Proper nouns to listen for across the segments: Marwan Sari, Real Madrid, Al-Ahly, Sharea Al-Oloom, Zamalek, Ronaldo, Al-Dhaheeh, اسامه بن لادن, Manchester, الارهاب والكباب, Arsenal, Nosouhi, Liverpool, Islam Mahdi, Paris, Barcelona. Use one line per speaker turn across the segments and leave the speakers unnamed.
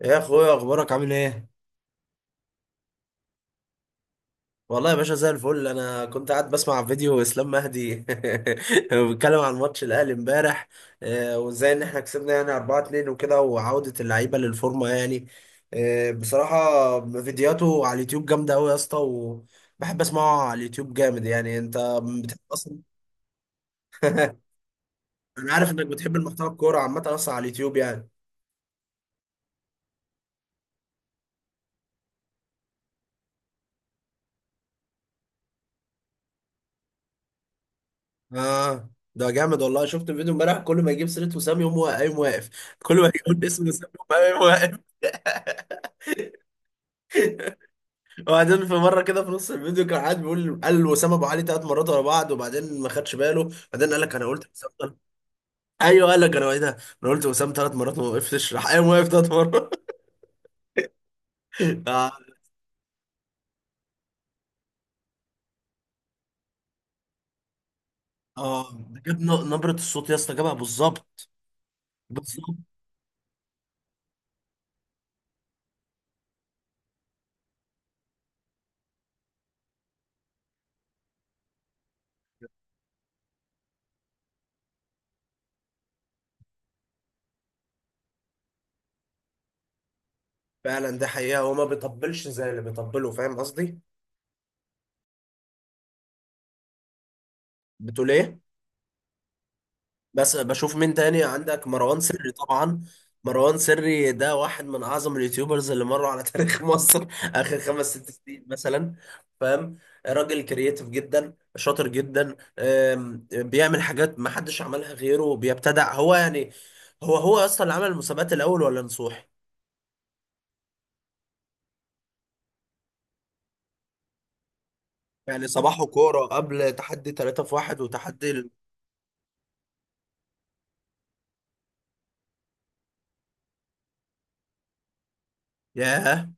يا اخويا، اخبارك عامل ايه؟ والله يا باشا زي الفل. انا كنت قاعد بسمع فيديو اسلام مهدي بيتكلم عن ماتش الاهلي امبارح. وازاي ان احنا كسبنا يعني 4-2 وكده، وعودة اللعيبة للفورمة يعني. بصراحة فيديوهاته على اليوتيوب جامدة قوي يا اسطى، وبحب اسمعه على اليوتيوب جامد يعني. انت بتحب اصلا؟ انا عارف انك بتحب المحتوى الكورة عامة اصلا على اليوتيوب يعني. اه، ده جامد والله. شفت الفيديو امبارح، كل ما يجيب سيرة وسام يقوم يقوم واقف. كل ما يقول اسم وسام يقوم واقف. وبعدين في مره كده في نص الفيديو كان قاعد بيقول، قال وسام ابو علي ثلاث مرات ورا بعض وبعدين ما خدش باله. بعدين قال لك انا قلت وسام ايوه قال لك انا ايه ده، انا قلت وسام ثلاث مرات وما وقفتش راح قايم واقف ثلاث مرات. اه. ده جاب نبره الصوت يا اسطى، جابها بالظبط. بالظبط. فعلا ده حقيقه، هو ما بيطبلش زي اللي بيطبله، فاهم قصدي؟ بتقول ايه؟ بس بشوف مين تاني عندك، مروان سري طبعا. مروان سري ده واحد من اعظم اليوتيوبرز اللي مروا على تاريخ مصر، اخر خمس ست سنين مثلا، فاهم؟ راجل كرييتيف جدا، شاطر جدا، بيعمل حاجات ما حدش عملها غيره، بيبتدع هو يعني. هو اصلا اللي عمل المسابقات الاول ولا نصوحي؟ يعني صباحه كوره قبل تحدي 3 في 1 وتحدي ياه،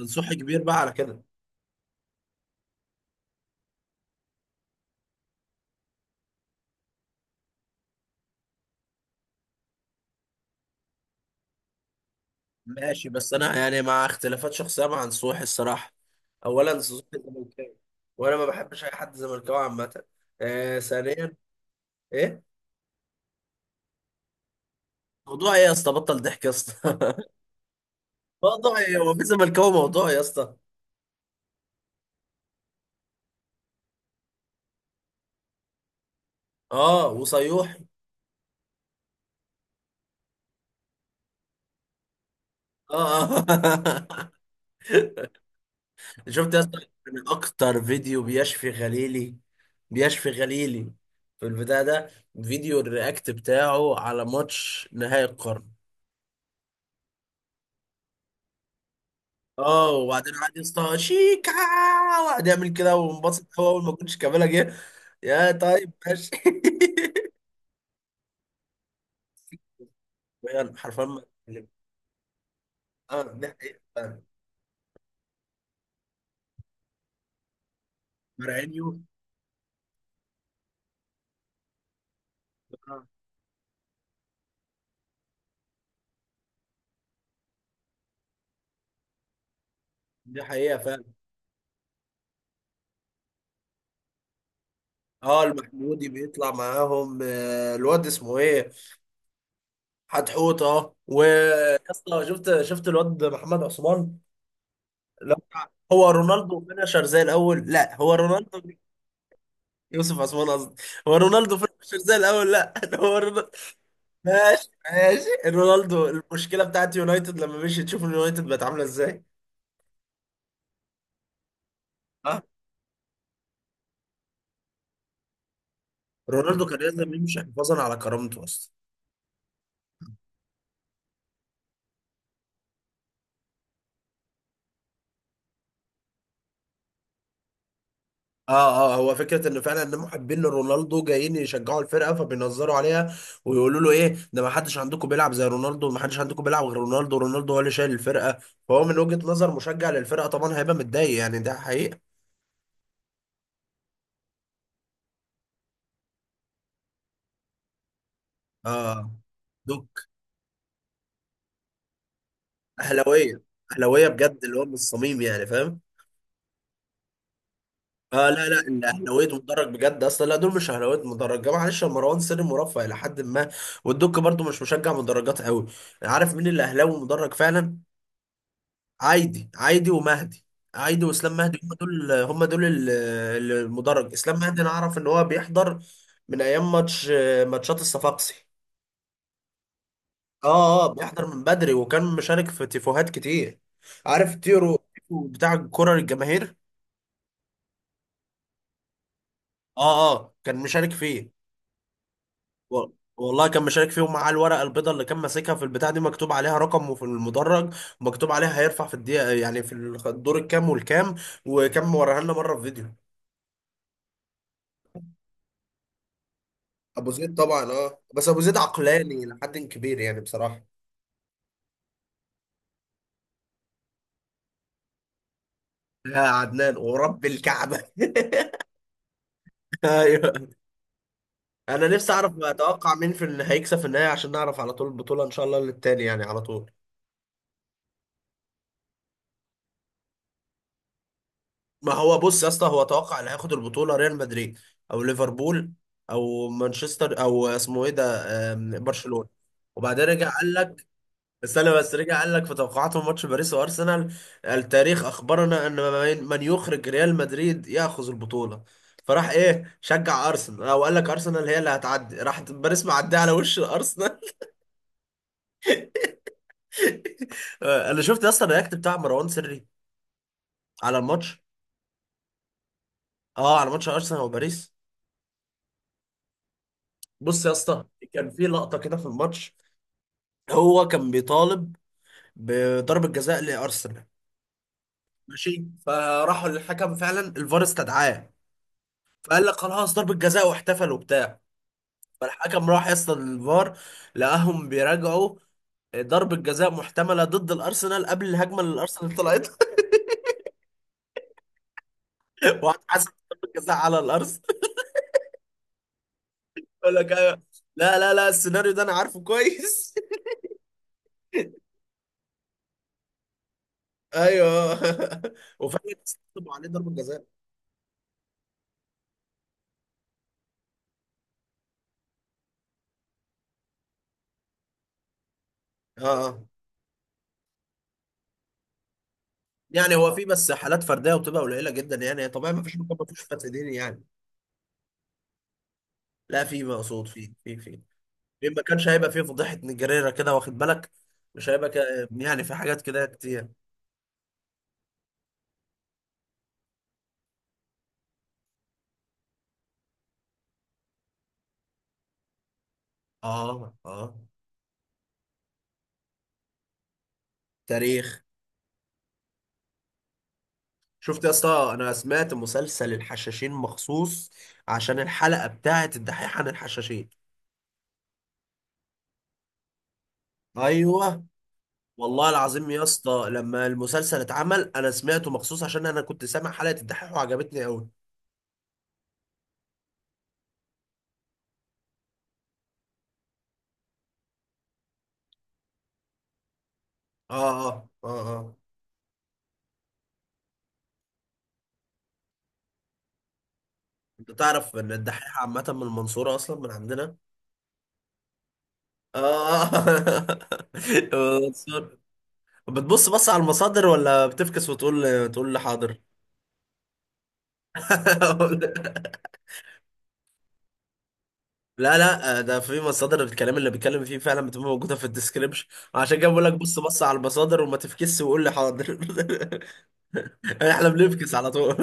نصوحي كبير بقى على كده. ماشي، بس انا يعني مع اختلافات شخصيه مع نصوحي الصراحه. اولا سوزوكي زملكاوي، وانا ما بحبش اي حد زملكاوي عامه. آه، ثانيا. ايه؟ موضوع ايه يا اسطى، بطل ضحك يا اسطى. موضوع ايه، هو في زملكاوي موضوع يا اسطى؟ اه، وصيوحي. اه آه. شفت يا اسطى؟ من اكتر فيديو بيشفي غليلي، بيشفي غليلي، في البتاع ده، فيديو الرياكت بتاعه على ماتش نهائي القرن. اه وبعدين قعد يسطا شيكا، وقعد يعمل كده وانبسط، هو اول ما كنتش كامله جه. يا طيب ماشي. فعلا، حرفيا ما اتكلم. اه دي حقيقه فعلا. مرعينيو. اه دي حقيقه فعلا. اه، المحمودي بيطلع معاهم. الواد اسمه ايه؟ حتحوطه. ويا اسطى شفت، الواد محمد عثمان؟ لا هو رونالدو فينشر زي الاول، لا هو رونالدو. يوسف عثمان قصدي. هو رونالدو فينشر زي الاول، لا، هو رونالدو. ماشي ماشي، رونالدو المشكله بتاعت يونايتد لما مشي تشوف اليونايتد بقت عامله ازاي. ها. رونالدو كان لازم يمشي حفاظا على كرامته اصلا. اه اه، هو فكره ان فعلا ان محبين لرونالدو جايين يشجعوا الفرقه فبينظروا عليها، ويقولوا له ايه ده، ما حدش عندكم بيلعب زي رونالدو، ما حدش عندكم بيلعب غير رونالدو، رونالدو هو اللي شايل الفرقه. فهو من وجهه نظر مشجع للفرقه طبعا هيبقى متضايق يعني، ده حقيقه. اه. دوك. اهلاويه، اهلاويه بجد اللي هو من الصميم يعني، فاهم؟ اه، لا لا، الاهلاويات مدرج بجد اصلا، لا دول مش اهلاويات مدرج. جمال معلش يا مروان سري، مرفه الى حد ما. والدك برضو مش مشجع مدرجات قوي. عارف مين اللي اهلاوي مدرج فعلا؟ عايدي. عايدي ومهدي. عايدي واسلام مهدي، هم دول هم دول المدرج. اسلام مهدي انا اعرف ان هو بيحضر من ايام ماتشات الصفاقسي. اه اه، بيحضر من بدري وكان مشارك في تيفوهات كتير. عارف تيرو بتاع الكرة للجماهير؟ اه اه كان مشارك فيه. والله كان مشارك فيهم، معاه الورقه البيضاء اللي كان ماسكها في البتاع دي، مكتوب عليها رقم وفي المدرج، ومكتوب عليها هيرفع في الدقيقه يعني في الدور الكام والكام، وكان موريها لنا مره في فيديو. ابو زيد طبعا، اه بس ابو زيد عقلاني لحد كبير يعني بصراحه. يا عدنان ورب الكعبه. ايوه. انا نفسي اعرف اتوقع مين في اللي هيكسب في النهايه، عشان نعرف على طول البطوله ان شاء الله للتاني يعني على طول. ما هو بص يا اسطى، هو توقع اللي هياخد البطوله ريال مدريد، او ليفربول، او مانشستر، او اسمه ايه ده، برشلونه. وبعدين رجع قال لك، استنى بس، رجع قال لك في توقعاته ماتش باريس وارسنال، التاريخ اخبرنا ان من من يخرج ريال مدريد ياخذ البطوله، فراح ايه، شجع ارسنال، او قال لك ارسنال هي اللي هتعدي، راح باريس معديه على وش الارسنال. انا شفت يا اسطى الرياكت بتاع مروان سري على الماتش. اه على ماتش ارسنال وباريس. بص يا اسطى، كان في لقطه كده في الماتش، هو كان بيطالب بضربة جزاء لأرسنال. ماشي، فراحوا للحكم فعلا الفار استدعاه، فقال لك خلاص ضربة جزاء واحتفل وبتاع. فالحكم راح يصل الفار، لقاهم بيراجعوا ضربة جزاء محتملة ضد الأرسنال قبل الهجمة اللي الأرسنال طلعت. وهتحسب ضربة جزاء على الأرسنال. يقول لك أيوه. لا لا لا، السيناريو ده أنا عارفه كويس. أيوه. وفعلا حسبوا عليه ضربة جزاء. اه آه. يعني هو في بس حالات فرديه، وبتبقى قليله جدا يعني، طبيعي، ما فيش فساد ديني يعني. لا في مقصود، في في ما كانش هيبقى فيه فضيحه نجاريره كده، واخد بالك؟ مش هيبقى يعني في حاجات كده كتير. اه اه. تاريخ. شفت يا اسطى، انا سمعت مسلسل الحشاشين مخصوص عشان الحلقه بتاعت الدحيح عن الحشاشين. ايوه. والله العظيم يا اسطى لما المسلسل اتعمل انا سمعته مخصوص عشان انا كنت سامع حلقه الدحيح وعجبتني قوي. اه اه اه اه. انت تعرف ان الدحيح عامة من المنصورة اصلا، من عندنا؟ اه. المنصورة. بص على المصادر ولا بتفكس وتقول لي حاضر؟ لا لا، ده في مصادر الكلام اللي بيتكلم فيه فعلا، بتبقى موجودة في الديسكريبشن. عشان كده بقول لك بص بص على المصادر وما تفكس وقول لي حاضر. احنا بنفكس على طول.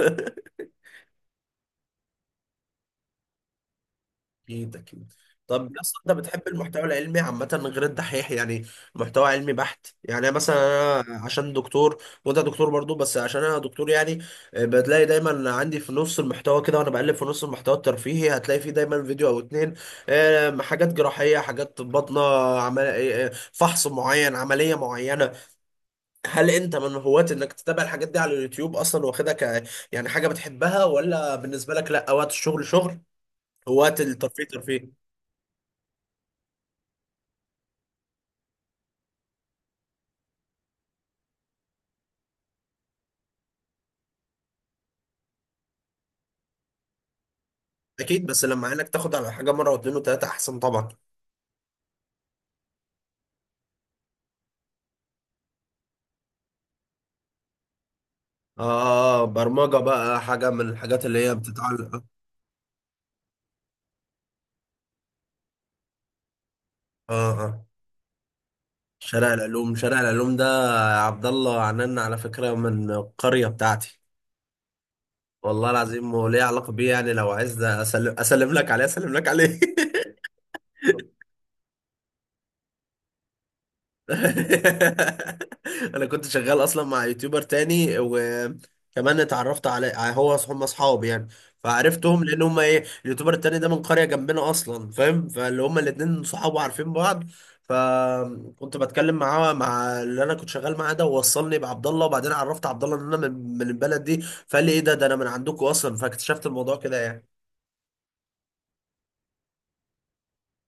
اكيد اكيد. طب يا اسطى انت بتحب المحتوى العلمي عامة غير الدحيح يعني؟ محتوى علمي بحت يعني، أنا مثلا، أنا عشان دكتور وانت دكتور برضو، بس عشان انا دكتور يعني، بتلاقي دايما عندي في نص المحتوى كده، وانا بقلب في نص المحتوى الترفيهي هتلاقي فيه دايما فيديو او اتنين، حاجات جراحية، حاجات باطنة، عمل... آه، آه، فحص معين، عملية معينة. هل انت من هواة انك تتابع الحاجات دي على اليوتيوب اصلا واخدها ك، يعني حاجة بتحبها؟ ولا بالنسبة لك لا، وقت الشغل شغل، هواة الترفيه ترفيه؟ اكيد بس لما عينك تاخد على حاجه مره واتنين وتلاته احسن طبعا. اه، برمجه بقى، حاجه من الحاجات اللي هي بتتعلق. اه. اه آه. شارع العلوم، شارع العلوم ده، يا عبد الله، عننا على فكره، من القريه بتاعتي. والله العظيم، وليه علاقه بيه يعني، لو عايز اسلم، اسلم لك عليه، اسلم لك عليه. انا كنت شغال اصلا مع يوتيوبر تاني، وكمان اتعرفت على هو هم اصحاب يعني، فعرفتهم لان هم ايه، اليوتيوبر التاني ده من قرية جنبنا اصلا، فاهم؟ فاللي هم الاتنين صحاب وعارفين بعض، فكنت بتكلم معاه، مع اللي انا كنت شغال معاه ده، ووصلني بعبد الله، وبعدين عرفت عبد الله ان انا من البلد دي، فقال لي ايه ده انا من عندكم اصلا، فاكتشفت الموضوع كده يعني.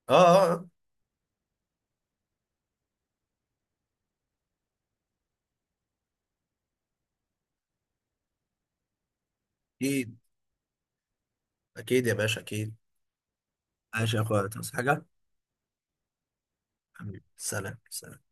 اه اه آه. اكيد اكيد يا باشا اكيد. ماشي يا اخويا تصحى حاجة. حبيبي سلام سلام.